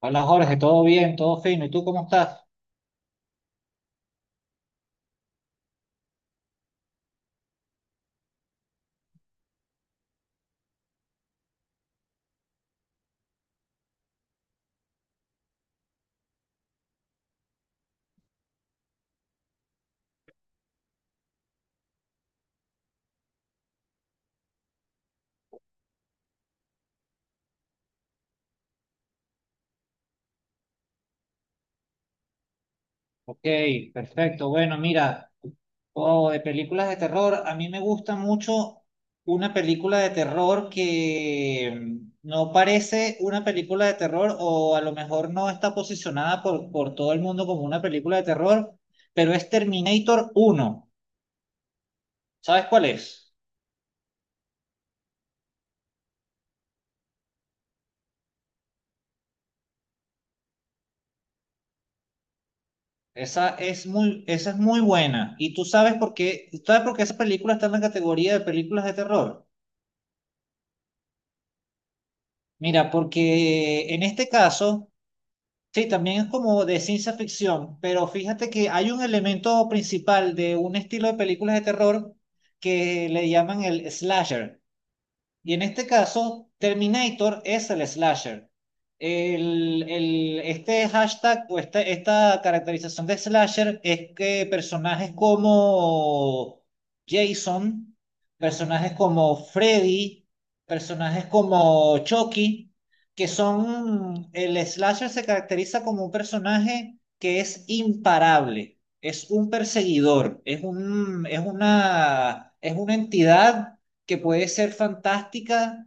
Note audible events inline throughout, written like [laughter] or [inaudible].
Hola Jorge, todo bien, todo fino. ¿Y tú cómo estás? Ok, perfecto. Bueno, mira, oh, de películas de terror, a mí me gusta mucho una película de terror que no parece una película de terror o a lo mejor no está posicionada por todo el mundo como una película de terror, pero es Terminator uno. ¿Sabes cuál es? Esa es esa es muy buena. ¿Y tú sabes por qué? ¿Sabes por qué esa película está en la categoría de películas de terror? Mira, porque en este caso, sí, también es como de ciencia ficción, pero fíjate que hay un elemento principal de un estilo de películas de terror que le llaman el slasher. Y en este caso, Terminator es el slasher. Este hashtag o esta caracterización de slasher es que personajes como Jason, personajes como Freddy, personajes como Chucky, que son, el slasher se caracteriza como un personaje que es imparable, es un perseguidor, es una entidad que puede ser fantástica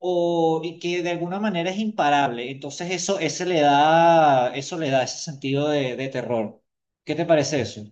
o y que de alguna manera es imparable. Entonces eso le da ese sentido de terror. ¿Qué te parece eso?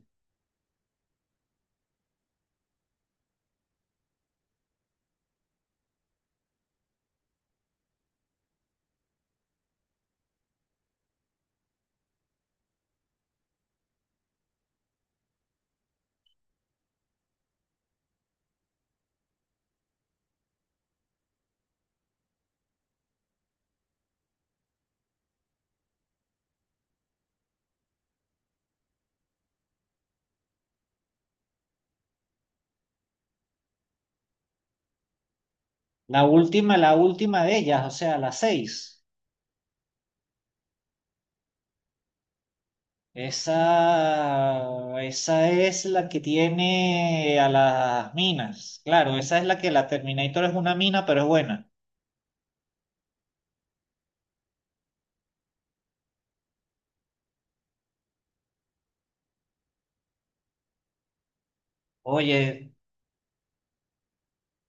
La última de ellas, o sea, la seis. Esa es la que tiene a las minas. Claro, esa es la que la Terminator es una mina, pero es buena. Oye,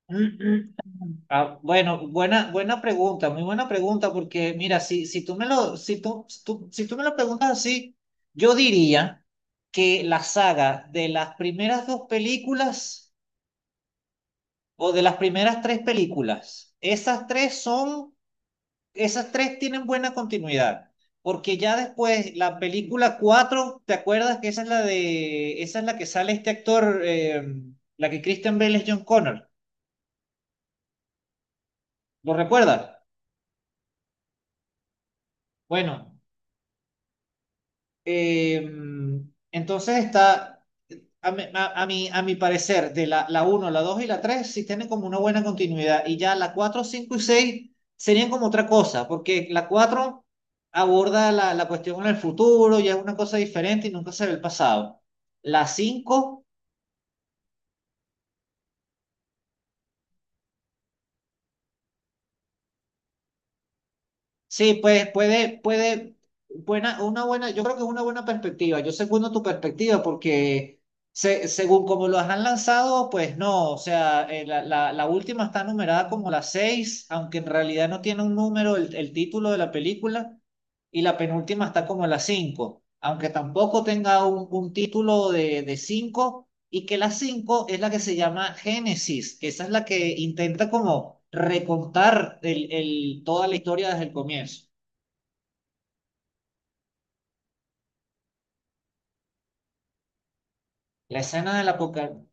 [clears throat] ah, bueno, buena, buena pregunta, muy buena pregunta, porque mira, si, si tú me lo, si tú, si tú, si tú me lo preguntas así, yo diría que la saga de las primeras dos películas o de las primeras tres películas, esas tres tienen buena continuidad, porque ya después la película cuatro, ¿te acuerdas que esa es la esa es la que sale este actor, la que Christian Bale es John Connor? ¿Lo recuerdas? Bueno. Eh, entonces está, a mi parecer, la uno la 2 y la 3 sí tienen como una buena continuidad y ya la 4 5 y 6 serían como otra cosa, porque la cuatro aborda la cuestión en el futuro, ya es una cosa diferente y nunca se ve el pasado. La 5 sí, pues puede, puede, buena, una buena, yo creo que es una buena perspectiva. Yo segundo tu perspectiva porque se- según como los han lanzado, pues no, o sea, la última está numerada como la 6 aunque en realidad no tiene un número el título de la película, y la penúltima está como la 5 aunque tampoco tenga un título de 5 y que la 5 es la que se llama Génesis, que esa es la que intenta como recontar toda la historia desde el comienzo. La escena del apocalipsis.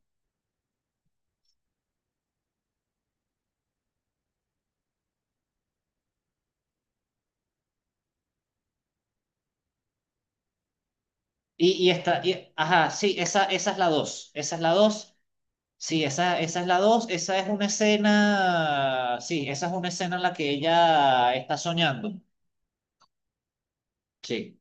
Ajá, sí, esa es la dos, esa es la dos, sí, esa es la dos, esa es una escena, sí, esa es una escena en la que ella está soñando, sí.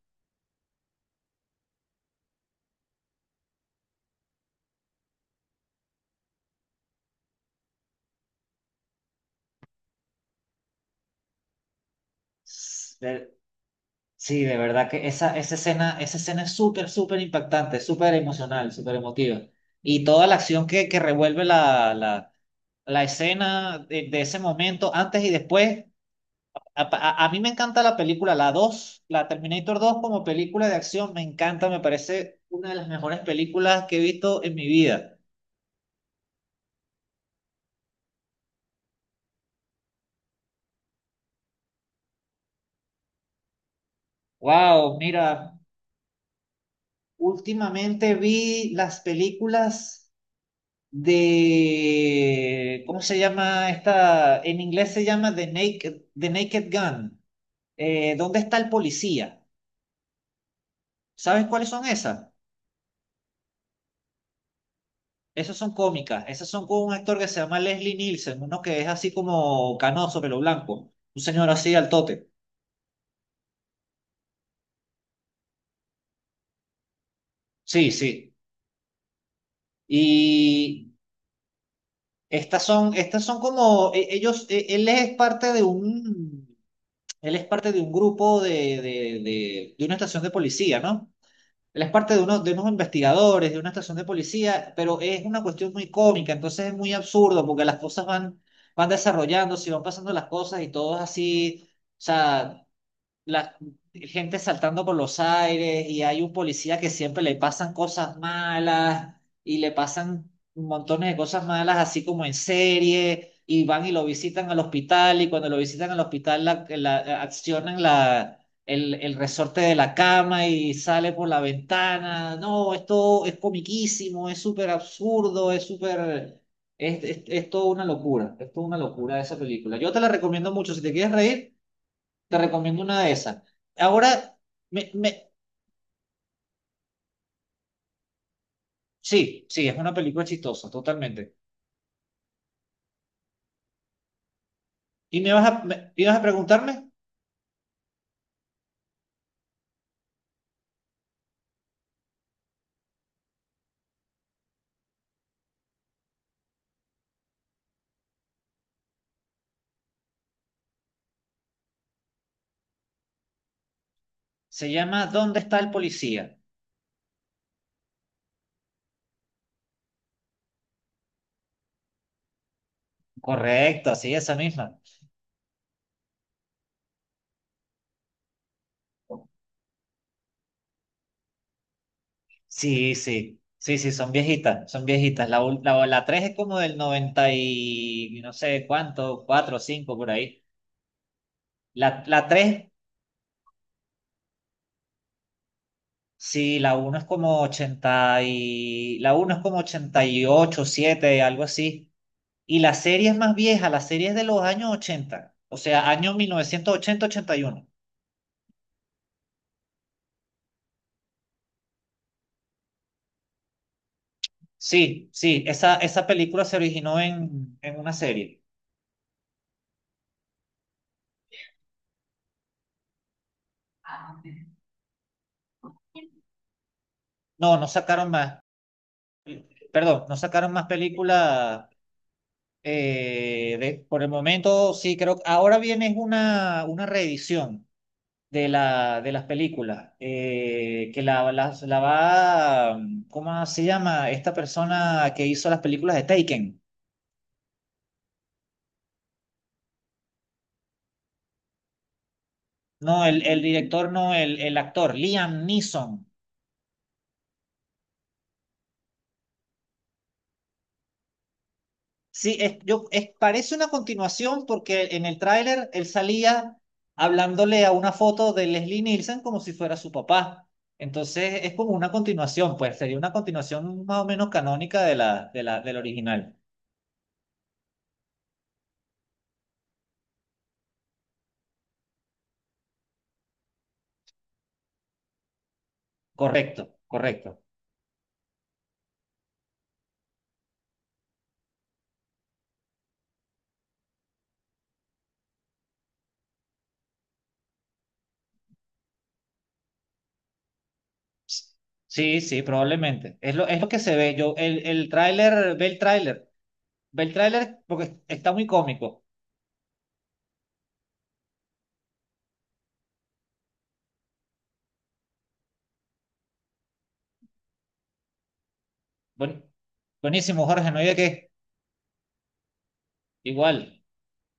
Sí, de verdad que esa escena es súper, súper impactante, súper emocional, súper emotiva. Y toda la acción que revuelve la escena de ese momento, antes y después. A mí me encanta la película, la dos, la Terminator dos, como película de acción, me encanta, me parece una de las mejores películas que he visto en mi vida. Wow, mira, últimamente vi las películas de, ¿cómo se llama esta? En inglés se llama The Naked Gun. ¿Dónde está el policía? ¿Sabes cuáles son esas? Esas son cómicas. Esas son con un actor que se llama Leslie Nielsen, uno que es así como canoso, pelo blanco. Un señor así al tote. Sí, sí. Y estas son como, él es parte de un, él es parte de un grupo de una estación de policía, ¿no? Él es parte de, uno, de unos investigadores, de una estación de policía, pero es una cuestión muy cómica, entonces es muy absurdo porque van desarrollándose y van pasando las cosas y todo es así, o sea, la gente saltando por los aires y hay un policía que siempre le pasan cosas malas y le pasan montones de cosas malas así como en serie y van y lo visitan al hospital y cuando lo visitan al hospital accionan el resorte de la cama y sale por la ventana. No, esto es comiquísimo, es súper absurdo, es súper... es toda una locura, es toda una locura esa película. Yo te la recomiendo mucho. Si te quieres reír, te recomiendo una de esas. Ahora, me, me, sí, sí, es una película chistosa, totalmente. ¿Y me vas a, me- ibas a preguntarme? Se llama ¿Dónde está el policía? Correcto, sí, esa misma. Sí, sí, sí, sí, son viejitas, son viejitas. La 3 es como del 90 y no sé cuánto, 4 o 5 por ahí. La, la 3, sí, la uno es como 80 y... La uno es como 88, 7, algo así. Y las series más viejas, las series de los años 80, o sea, años mil novecientos ochenta-ochenta y uno. Sí, sí, esa película se originó en una serie. No, no sacaron más, perdón, no sacaron más películas, de- por el momento, sí, creo que ahora viene es una reedición de, la, de las películas, que la, la la va, ¿cómo se llama? Esta persona que hizo las películas de Taken. No, el director no, el actor, Liam Neeson. Sí, parece una continuación porque en el tráiler él salía hablándole a una foto de Leslie Nielsen como si fuera su papá. Entonces es como una continuación, pues sería una continuación más o menos canónica de del original. Correcto, correcto. Sí, sí, probablemente. Es lo que se ve. El tráiler, ve el tráiler, ve el tráiler porque está muy cómico. Buen- buenísimo, Jorge, no hay de qué. Igual.